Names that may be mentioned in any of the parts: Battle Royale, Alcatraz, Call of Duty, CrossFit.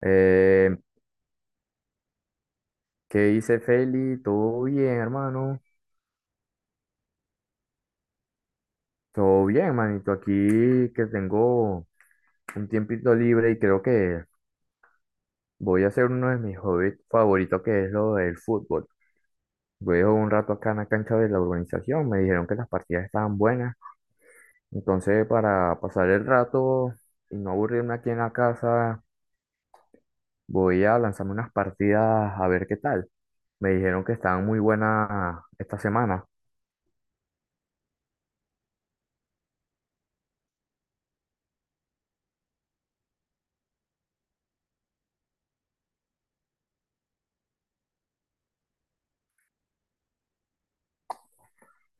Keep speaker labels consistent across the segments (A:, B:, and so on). A: Eh, ¿Qué dice Feli? ¿Todo bien, hermano? Todo bien, manito. Aquí que tengo un tiempito libre y creo que voy a hacer uno de mis hobbies favoritos, que es lo del fútbol. Voy a jugar un rato acá en la cancha de la urbanización. Me dijeron que las partidas estaban buenas. Entonces, para pasar el rato y no aburrirme aquí en la casa, voy a lanzarme unas partidas a ver qué tal. Me dijeron que estaban muy buenas esta semana.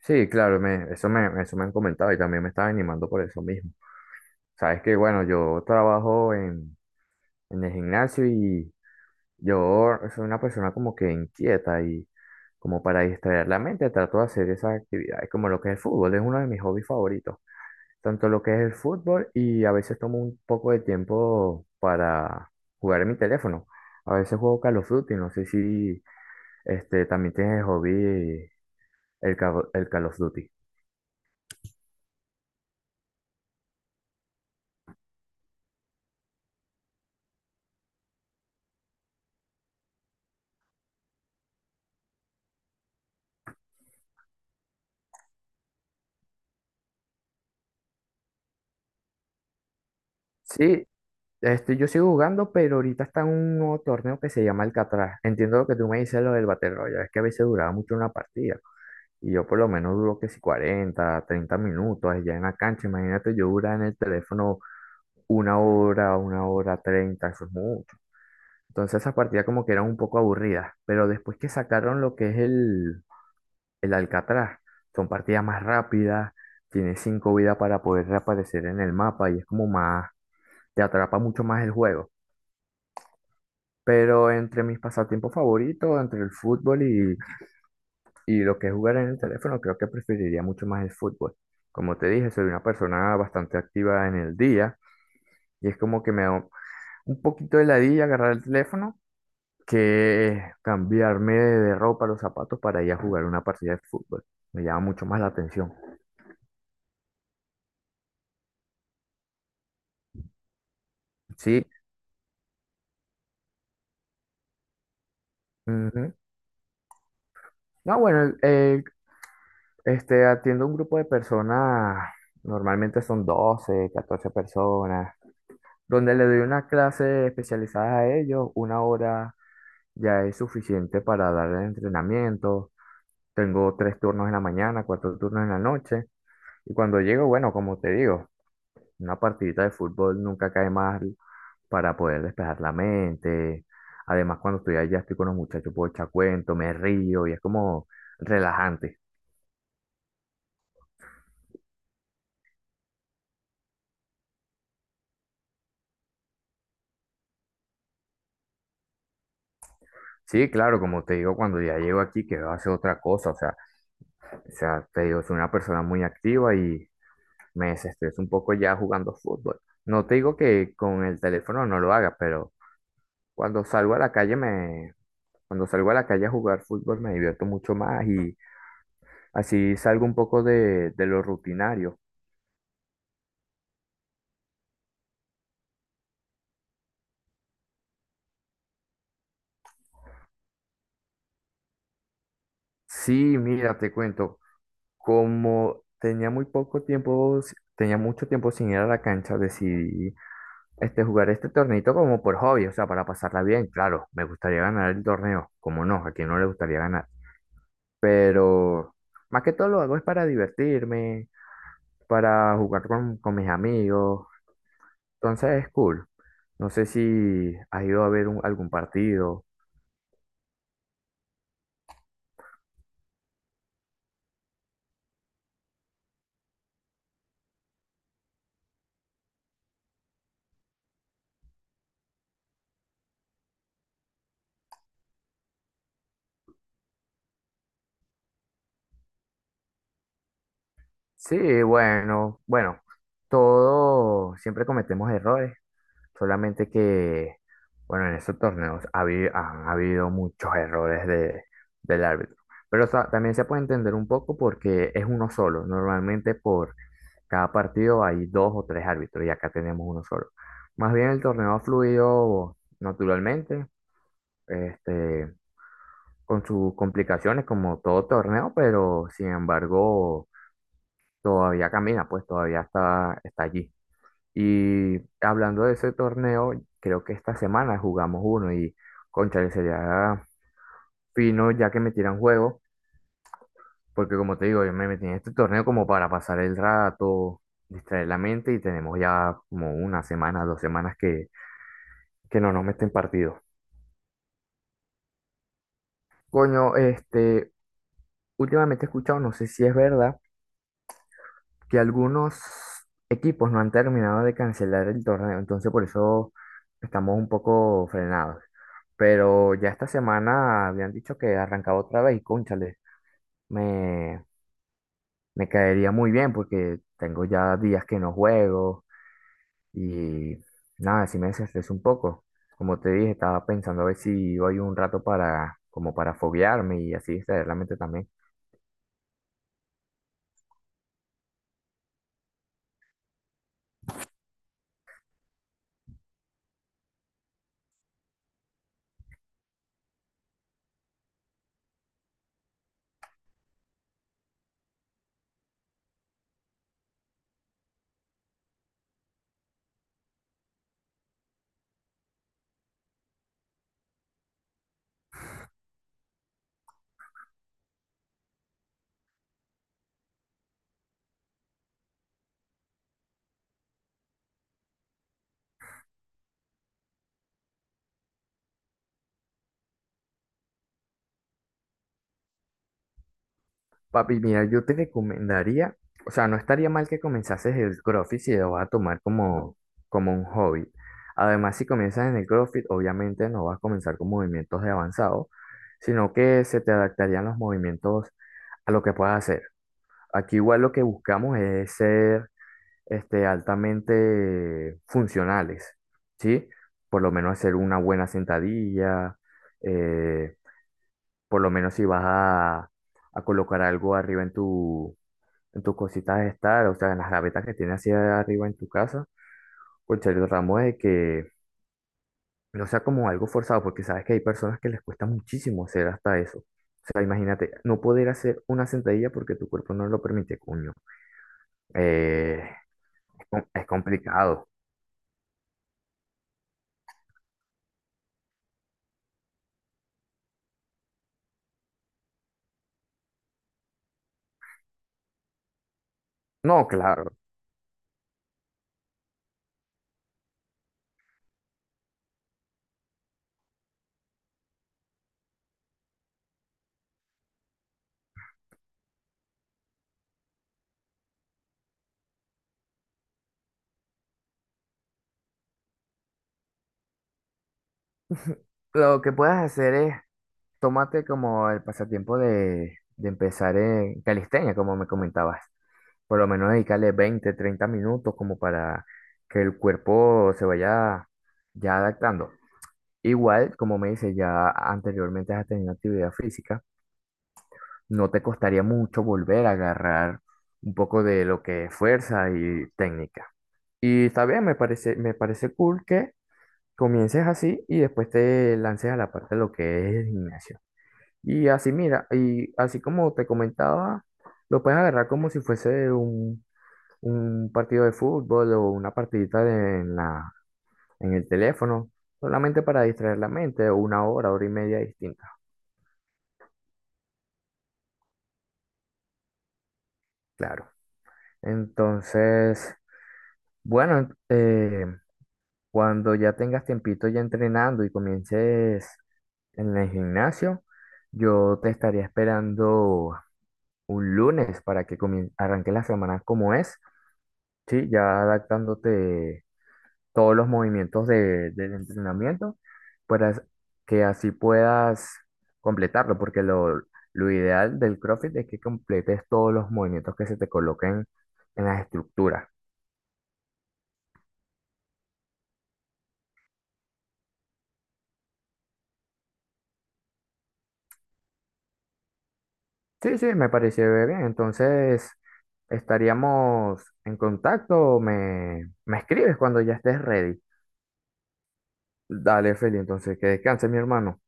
A: Sí, claro, eso me han comentado y también me estaba animando por eso mismo. Sabes que, bueno, yo trabajo en el gimnasio y yo soy una persona como que inquieta y como para distraer la mente trato de hacer esas actividades como lo que es el fútbol, es uno de mis hobbies favoritos. Tanto lo que es el fútbol y a veces tomo un poco de tiempo para jugar en mi teléfono. A veces juego Call of Duty, no sé si también tienes el hobby el Call of Duty. Sí, yo sigo jugando, pero ahorita está en un nuevo torneo que se llama Alcatraz. Entiendo lo que tú me dices, lo del Battle Royale, es que a veces duraba mucho una partida. Y yo por lo menos duro que si 40 30 minutos allá en la cancha. Imagínate, yo duraba en el teléfono una hora, 30, eso es mucho. Entonces esas partidas como que eran un poco aburridas. Pero después que sacaron lo que es el Alcatraz, son partidas más rápidas, tienes cinco vidas para poder reaparecer en el mapa y es como más, te atrapa mucho más el juego. Pero entre mis pasatiempos favoritos, entre el fútbol y lo que es jugar en el teléfono, creo que preferiría mucho más el fútbol. Como te dije, soy una persona bastante activa en el día y es como que me da un poquito de ladilla agarrar el teléfono que cambiarme de ropa, los zapatos para ir a jugar una partida de fútbol. Me llama mucho más la atención. Sí. Ujú. No, bueno, atiendo un grupo de personas, normalmente son 12 14 personas. Donde le doy una clase especializada a ellos, una hora ya es suficiente para dar el entrenamiento. Tengo tres turnos en la mañana, cuatro turnos en la noche. Y cuando llego, bueno, como te digo, una partidita de fútbol nunca cae mal para poder despejar la mente. Además, cuando estoy allá, estoy con los muchachos, puedo echar cuento, me río y es como relajante. Sí, claro, como te digo, cuando ya llego aquí, que va hacer otra cosa, o sea, te digo, soy una persona muy activa y me desestreso un poco ya jugando fútbol. No te digo que con el teléfono no lo haga, pero cuando salgo a la calle cuando salgo a la calle a jugar fútbol me divierto mucho más y así salgo un poco de lo rutinario. Sí, mira, te cuento, como tenía muy poco tiempo, tenía mucho tiempo sin ir a la cancha, decidí jugar este torneito como por hobby, o sea, para pasarla bien. Claro, me gustaría ganar el torneo, como no, a quien no le gustaría ganar. Pero más que todo lo hago es para divertirme, para jugar con mis amigos, entonces es cool. No sé si has ido a ver algún partido. Sí, bueno, bueno, todo, siempre cometemos errores, solamente que, bueno, en esos torneos han habido muchos errores del árbitro, pero o también se puede entender un poco porque es uno solo, normalmente por cada partido hay dos o tres árbitros y acá tenemos uno solo. Más bien el torneo ha fluido naturalmente, este, con sus complicaciones como todo torneo, pero sin embargo todavía camina, pues todavía está allí. Y hablando de ese torneo, creo que esta semana jugamos uno y cónchale, sería fino ya que metieran juego. Porque como te digo, yo me metí en este torneo como para pasar el rato, distraer la mente y tenemos ya como una semana, dos semanas que no nos meten partido. Coño, últimamente he escuchado, no sé si es verdad, que algunos equipos no han terminado de cancelar el torneo, entonces por eso estamos un poco frenados. Pero ya esta semana habían dicho que arrancaba otra vez y cónchale, me, me caería muy bien porque tengo ya días que no juego. Y nada, si me desestresé un poco. Como te dije, estaba pensando a ver si voy un rato como para foguearme y así distraer la mente también. Papi, mira, yo te recomendaría, o sea, no estaría mal que comenzases el CrossFit si lo vas a tomar como un hobby. Además, si comienzas en el CrossFit, obviamente no vas a comenzar con movimientos de avanzado, sino que se te adaptarían los movimientos a lo que puedas hacer. Aquí igual lo que buscamos es ser altamente funcionales, ¿sí? Por lo menos hacer una buena sentadilla, eh, por lo menos si vas a colocar algo arriba en en tus cositas de estar, o sea, en las gavetas que tienes hacia arriba en tu casa, pues tratamos de que no sea como algo forzado, porque sabes que hay personas que les cuesta muchísimo hacer hasta eso. O sea, imagínate, no poder hacer una sentadilla porque tu cuerpo no lo permite, cuño. Eh, es complicado. No, claro. Lo que puedes hacer es tómate como el pasatiempo de empezar en calistenia, como me comentabas. Por lo menos dedicarle 20 30 minutos como para que el cuerpo se vaya ya adaptando. Igual, como me dices, ya anteriormente has tenido actividad física, no te costaría mucho volver a agarrar un poco de lo que es fuerza y técnica. Y está bien, me parece cool que comiences así y después te lances a la parte de lo que es el gimnasio. Y así, mira, y así como te comentaba, lo puedes agarrar como si fuese un partido de fútbol o una partidita en el teléfono, solamente para distraer la mente, una hora, hora y media distinta, claro. Entonces, bueno, cuando ya tengas tiempito ya entrenando y comiences en el gimnasio, yo te estaría esperando un lunes para que arranque la semana como es. Sí, ya adaptándote todos los movimientos del entrenamiento para as- que así puedas completarlo, porque lo ideal del CrossFit es que completes todos los movimientos que se te coloquen en las estructuras. Sí, sí, me pareció bien. Entonces, estaríamos en contacto. Me escribes cuando ya estés ready. Dale, Feli, entonces que descanse, mi hermano.